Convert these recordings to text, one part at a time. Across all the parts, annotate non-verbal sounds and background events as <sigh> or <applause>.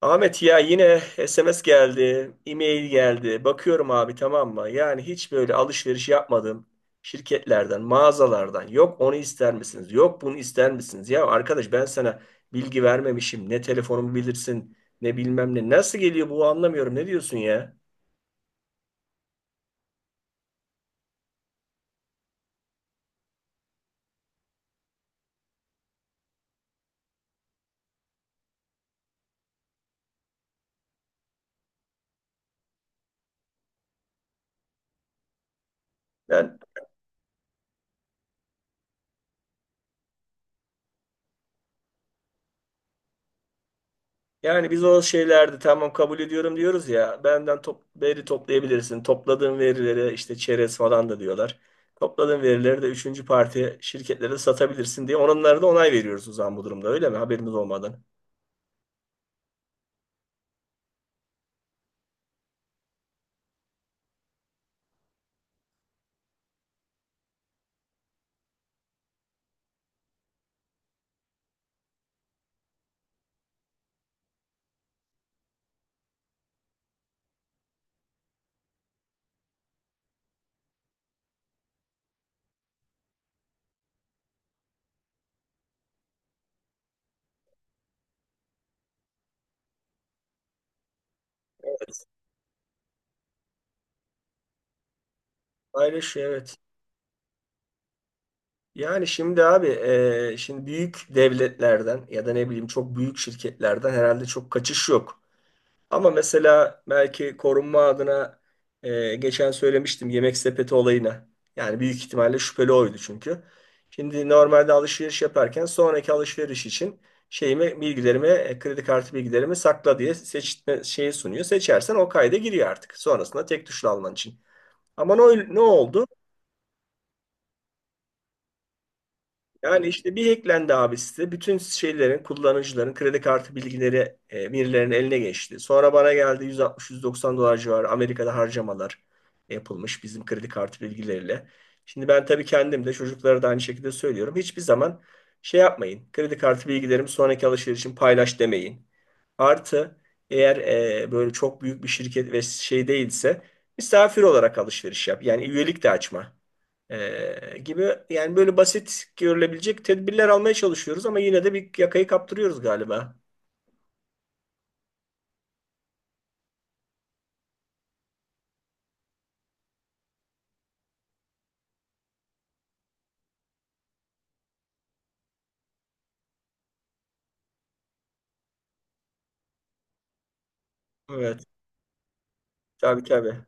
Ahmet ya yine SMS geldi, e-mail geldi. Bakıyorum abi, tamam mı? Yani hiç böyle alışveriş yapmadım. Şirketlerden, mağazalardan. Yok onu ister misiniz? Yok bunu ister misiniz? Ya arkadaş, ben sana bilgi vermemişim. Ne telefonumu bilirsin, ne bilmem ne. Nasıl geliyor bu, anlamıyorum. Ne diyorsun ya? Ben Yani biz o şeylerde tamam kabul ediyorum diyoruz ya, benden veri toplayabilirsin. Topladığın verilere işte çerez falan da diyorlar. Topladığın verileri de üçüncü parti şirketlere satabilirsin diye onlara da onay veriyoruz o zaman, bu durumda öyle mi? Haberimiz olmadan. Paylaş, evet. Yani şimdi abi, şimdi büyük devletlerden ya da ne bileyim çok büyük şirketlerden herhalde çok kaçış yok. Ama mesela belki korunma adına geçen söylemiştim yemek sepeti olayına. Yani büyük ihtimalle şüpheli oydu, çünkü şimdi normalde alışveriş yaparken sonraki alışveriş için şeyimi, bilgilerimi, kredi kartı bilgilerimi sakla diye seçme şeyi sunuyor. Seçersen o kayda giriyor artık. Sonrasında tek tuşla alman için. Ama ne oldu? Yani işte bir hacklendi abi site. Bütün şeylerin, kullanıcıların kredi kartı bilgileri birilerinin eline geçti. Sonra bana geldi, 160-190 dolar civarı Amerika'da harcamalar yapılmış bizim kredi kartı bilgileriyle. Şimdi ben tabii kendim de çocuklara da aynı şekilde söylüyorum. Hiçbir zaman şey yapmayın, kredi kartı bilgilerimi sonraki alışveriş için paylaş demeyin. Artı, eğer böyle çok büyük bir şirket ve şey değilse misafir olarak alışveriş yap. Yani üyelik de açma. Gibi, yani böyle basit görülebilecek tedbirler almaya çalışıyoruz ama yine de bir yakayı kaptırıyoruz galiba. Evet. Tabii, tabii.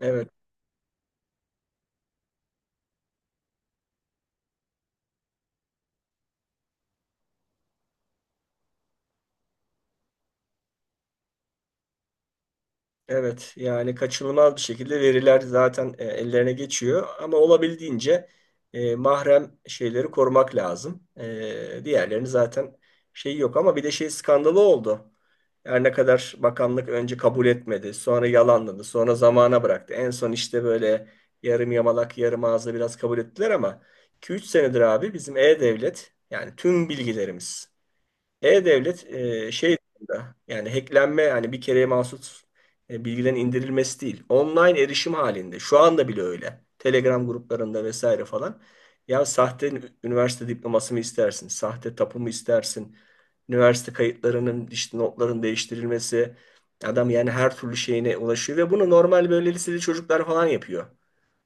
Evet. Evet, yani kaçınılmaz bir şekilde veriler zaten ellerine geçiyor ama olabildiğince mahrem şeyleri korumak lazım. Diğerlerini zaten şey yok ama bir de şey skandalı oldu. Her ne kadar bakanlık önce kabul etmedi, sonra yalanladı, sonra zamana bıraktı. En son işte böyle yarım yamalak, yarım ağızla biraz kabul ettiler ama 2-3 senedir abi bizim e-devlet, yani tüm bilgilerimiz e-Devlet şey durumda, yani hacklenme, yani bir kereye mahsus bilgilerin indirilmesi değil. Online erişim halinde. Şu anda bile öyle. Telegram gruplarında vesaire falan. Ya sahte üniversite diploması mı istersin? Sahte tapu mu istersin? Üniversite kayıtlarının, işte notların değiştirilmesi. Adam yani her türlü şeyine ulaşıyor ve bunu normal böyle liseli çocuklar falan yapıyor.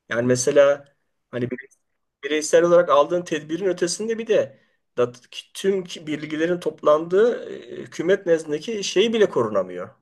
Yani mesela hani bireysel olarak aldığın tedbirin ötesinde bir de dat- tüm bilgilerin toplandığı hükümet nezdindeki şey bile korunamıyor.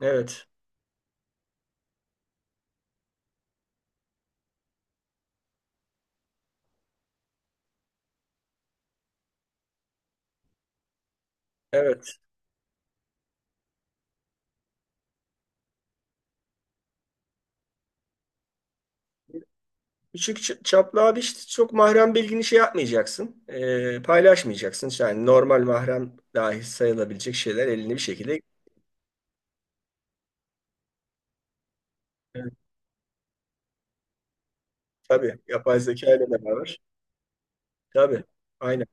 Evet. Evet. Küçük çaplı abi, işte çok mahrem bilgini şey yapmayacaksın, paylaşmayacaksın. İşte, yani normal mahrem dahi sayılabilecek şeyler elini bir şekilde. Evet. Tabii. Yapay zeka ile beraber. Tabii. Aynen.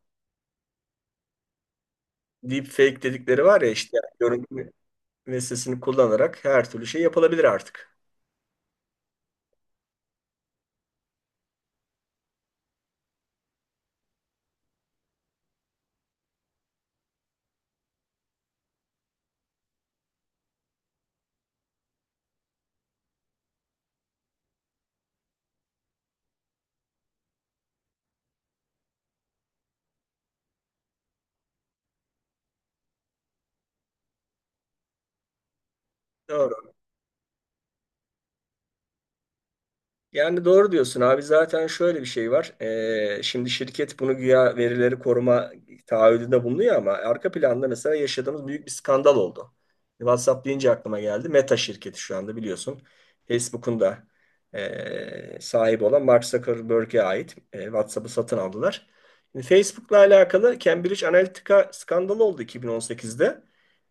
Deepfake dedikleri var ya işte, yani görüntü ve sesini kullanarak her türlü şey yapılabilir artık. Doğru. Yani doğru diyorsun abi, zaten şöyle bir şey var. Şimdi şirket bunu güya verileri koruma taahhüdünde bulunuyor ama arka planda mesela yaşadığımız büyük bir skandal oldu. WhatsApp deyince aklıma geldi. Meta şirketi şu anda, biliyorsun, Facebook'un da sahibi olan Mark Zuckerberg'e ait WhatsApp'ı satın aldılar. Şimdi Facebook'la alakalı Cambridge Analytica skandalı oldu 2018'de.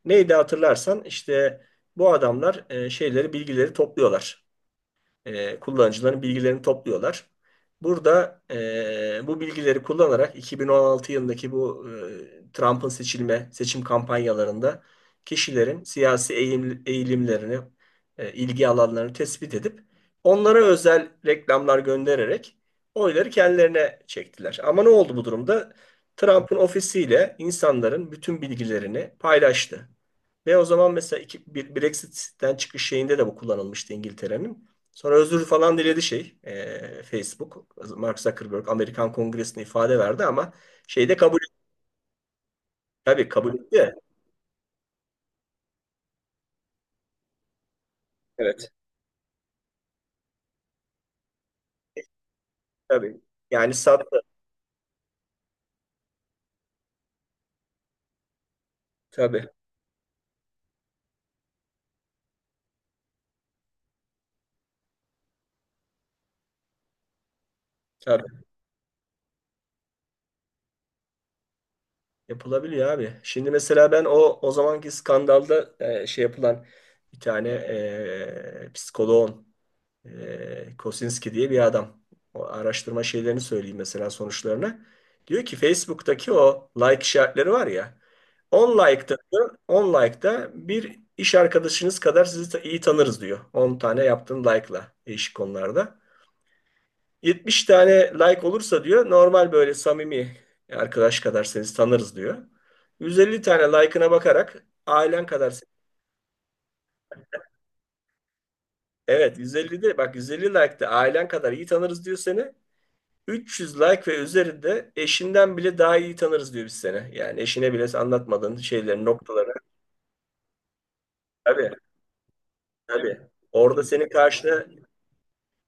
Neydi hatırlarsan, işte bu adamlar şeyleri, bilgileri topluyorlar, kullanıcıların bilgilerini topluyorlar. Burada bu bilgileri kullanarak 2016 yılındaki bu Trump'ın seçim kampanyalarında kişilerin siyasi eğilimlerini, ilgi alanlarını tespit edip onlara özel reklamlar göndererek oyları kendilerine çektiler. Ama ne oldu bu durumda? Trump'ın ofisiyle insanların bütün bilgilerini paylaştı. Ve o zaman mesela Brexit'ten çıkış şeyinde de bu kullanılmıştı İngiltere'nin. Sonra özür falan diledi şey, Facebook. Mark Zuckerberg Amerikan Kongresi'ne ifade verdi ama şeyi de kabul etti. Tabii, kabul etti. Evet. Tabii. Yani sattı. Tabii. Tabii. Yapılabiliyor abi. Şimdi mesela ben o zamanki skandalda şey yapılan bir tane psikoloğun, Kosinski diye bir adam. O araştırma şeylerini söyleyeyim mesela, sonuçlarını. Diyor ki Facebook'taki o like işaretleri var ya, 10 like'da diyor, 10 like'da bir iş arkadaşınız kadar sizi iyi tanırız diyor. 10 tane yaptığın like'la değişik konularda. 70 tane like olursa diyor normal böyle samimi arkadaş kadar sizi tanırız diyor. 150 tane like'ına bakarak ailen kadar Evet, 150'de bak, 150 like'da ailen kadar iyi tanırız diyor seni. 300 like ve üzerinde eşinden bile daha iyi tanırız diyor biz seni. Yani eşine bile anlatmadığın şeyleri, noktaları. Tabii, tabii. Orada senin karşına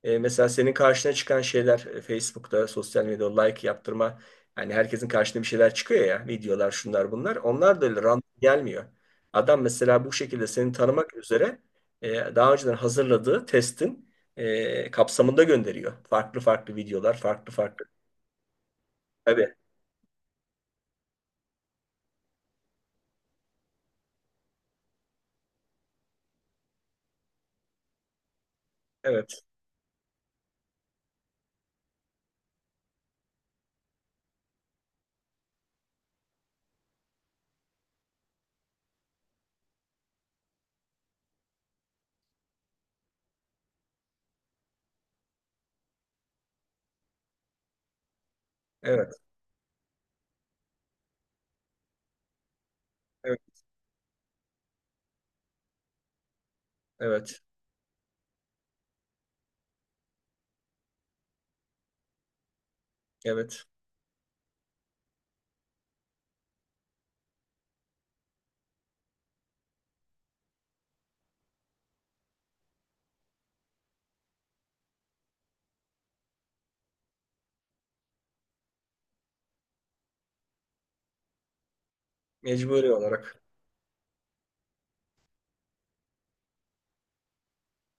mesela senin karşına çıkan şeyler, Facebook'ta, sosyal medyada like yaptırma. Hani herkesin karşına bir şeyler çıkıyor ya. Videolar, şunlar bunlar. Onlar da öyle random gelmiyor. Adam mesela bu şekilde seni tanımak üzere daha önceden hazırladığı testin kapsamında gönderiyor. Farklı farklı videolar, farklı farklı. Tabii, evet, evet, evet. Evet. Evet. Mecburi olarak.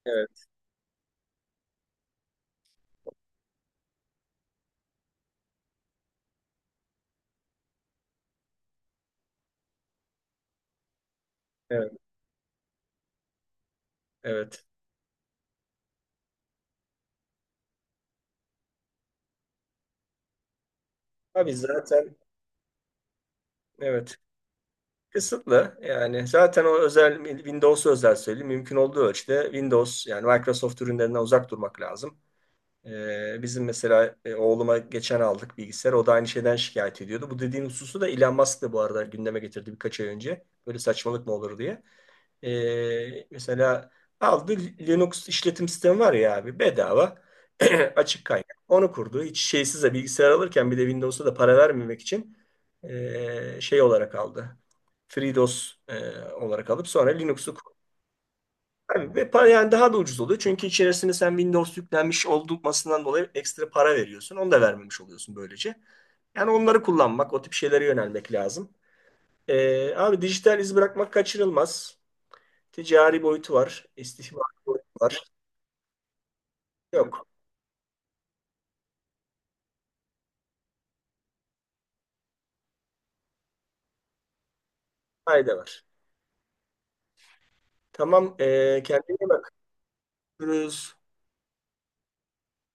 Evet. Evet. Evet. Abi zaten, evet. Kısıtlı, yani zaten o özel Windows, özel söyleyeyim, mümkün olduğu ölçüde Windows, yani Microsoft ürünlerinden uzak durmak lazım. Bizim mesela oğluma geçen aldık bilgisayar, o da aynı şeyden şikayet ediyordu. Bu dediğin hususu da Elon Musk da bu arada gündeme getirdi birkaç ay önce. Böyle saçmalık mı olur diye. Mesela aldı, Linux işletim sistemi var ya abi, bedava, <clears throat> açık kaynak. Onu kurdu. Hiç şeysiz de bilgisayar alırken, bir de Windows'a da para vermemek için şey olarak aldı. FreeDOS olarak alıp sonra Linux'u kurdu. Abi, ve para yani daha da ucuz oluyor. Çünkü içerisine sen Windows yüklenmiş olmasından dolayı ekstra para veriyorsun. Onu da vermemiş oluyorsun böylece. Yani onları kullanmak, o tip şeylere yönelmek lazım. Abi dijital iz bırakmak kaçırılmaz. Ticari boyutu var, istismar boyutu var. Yok, fayda var. Tamam, kendine iyi bak. Görüşürüz.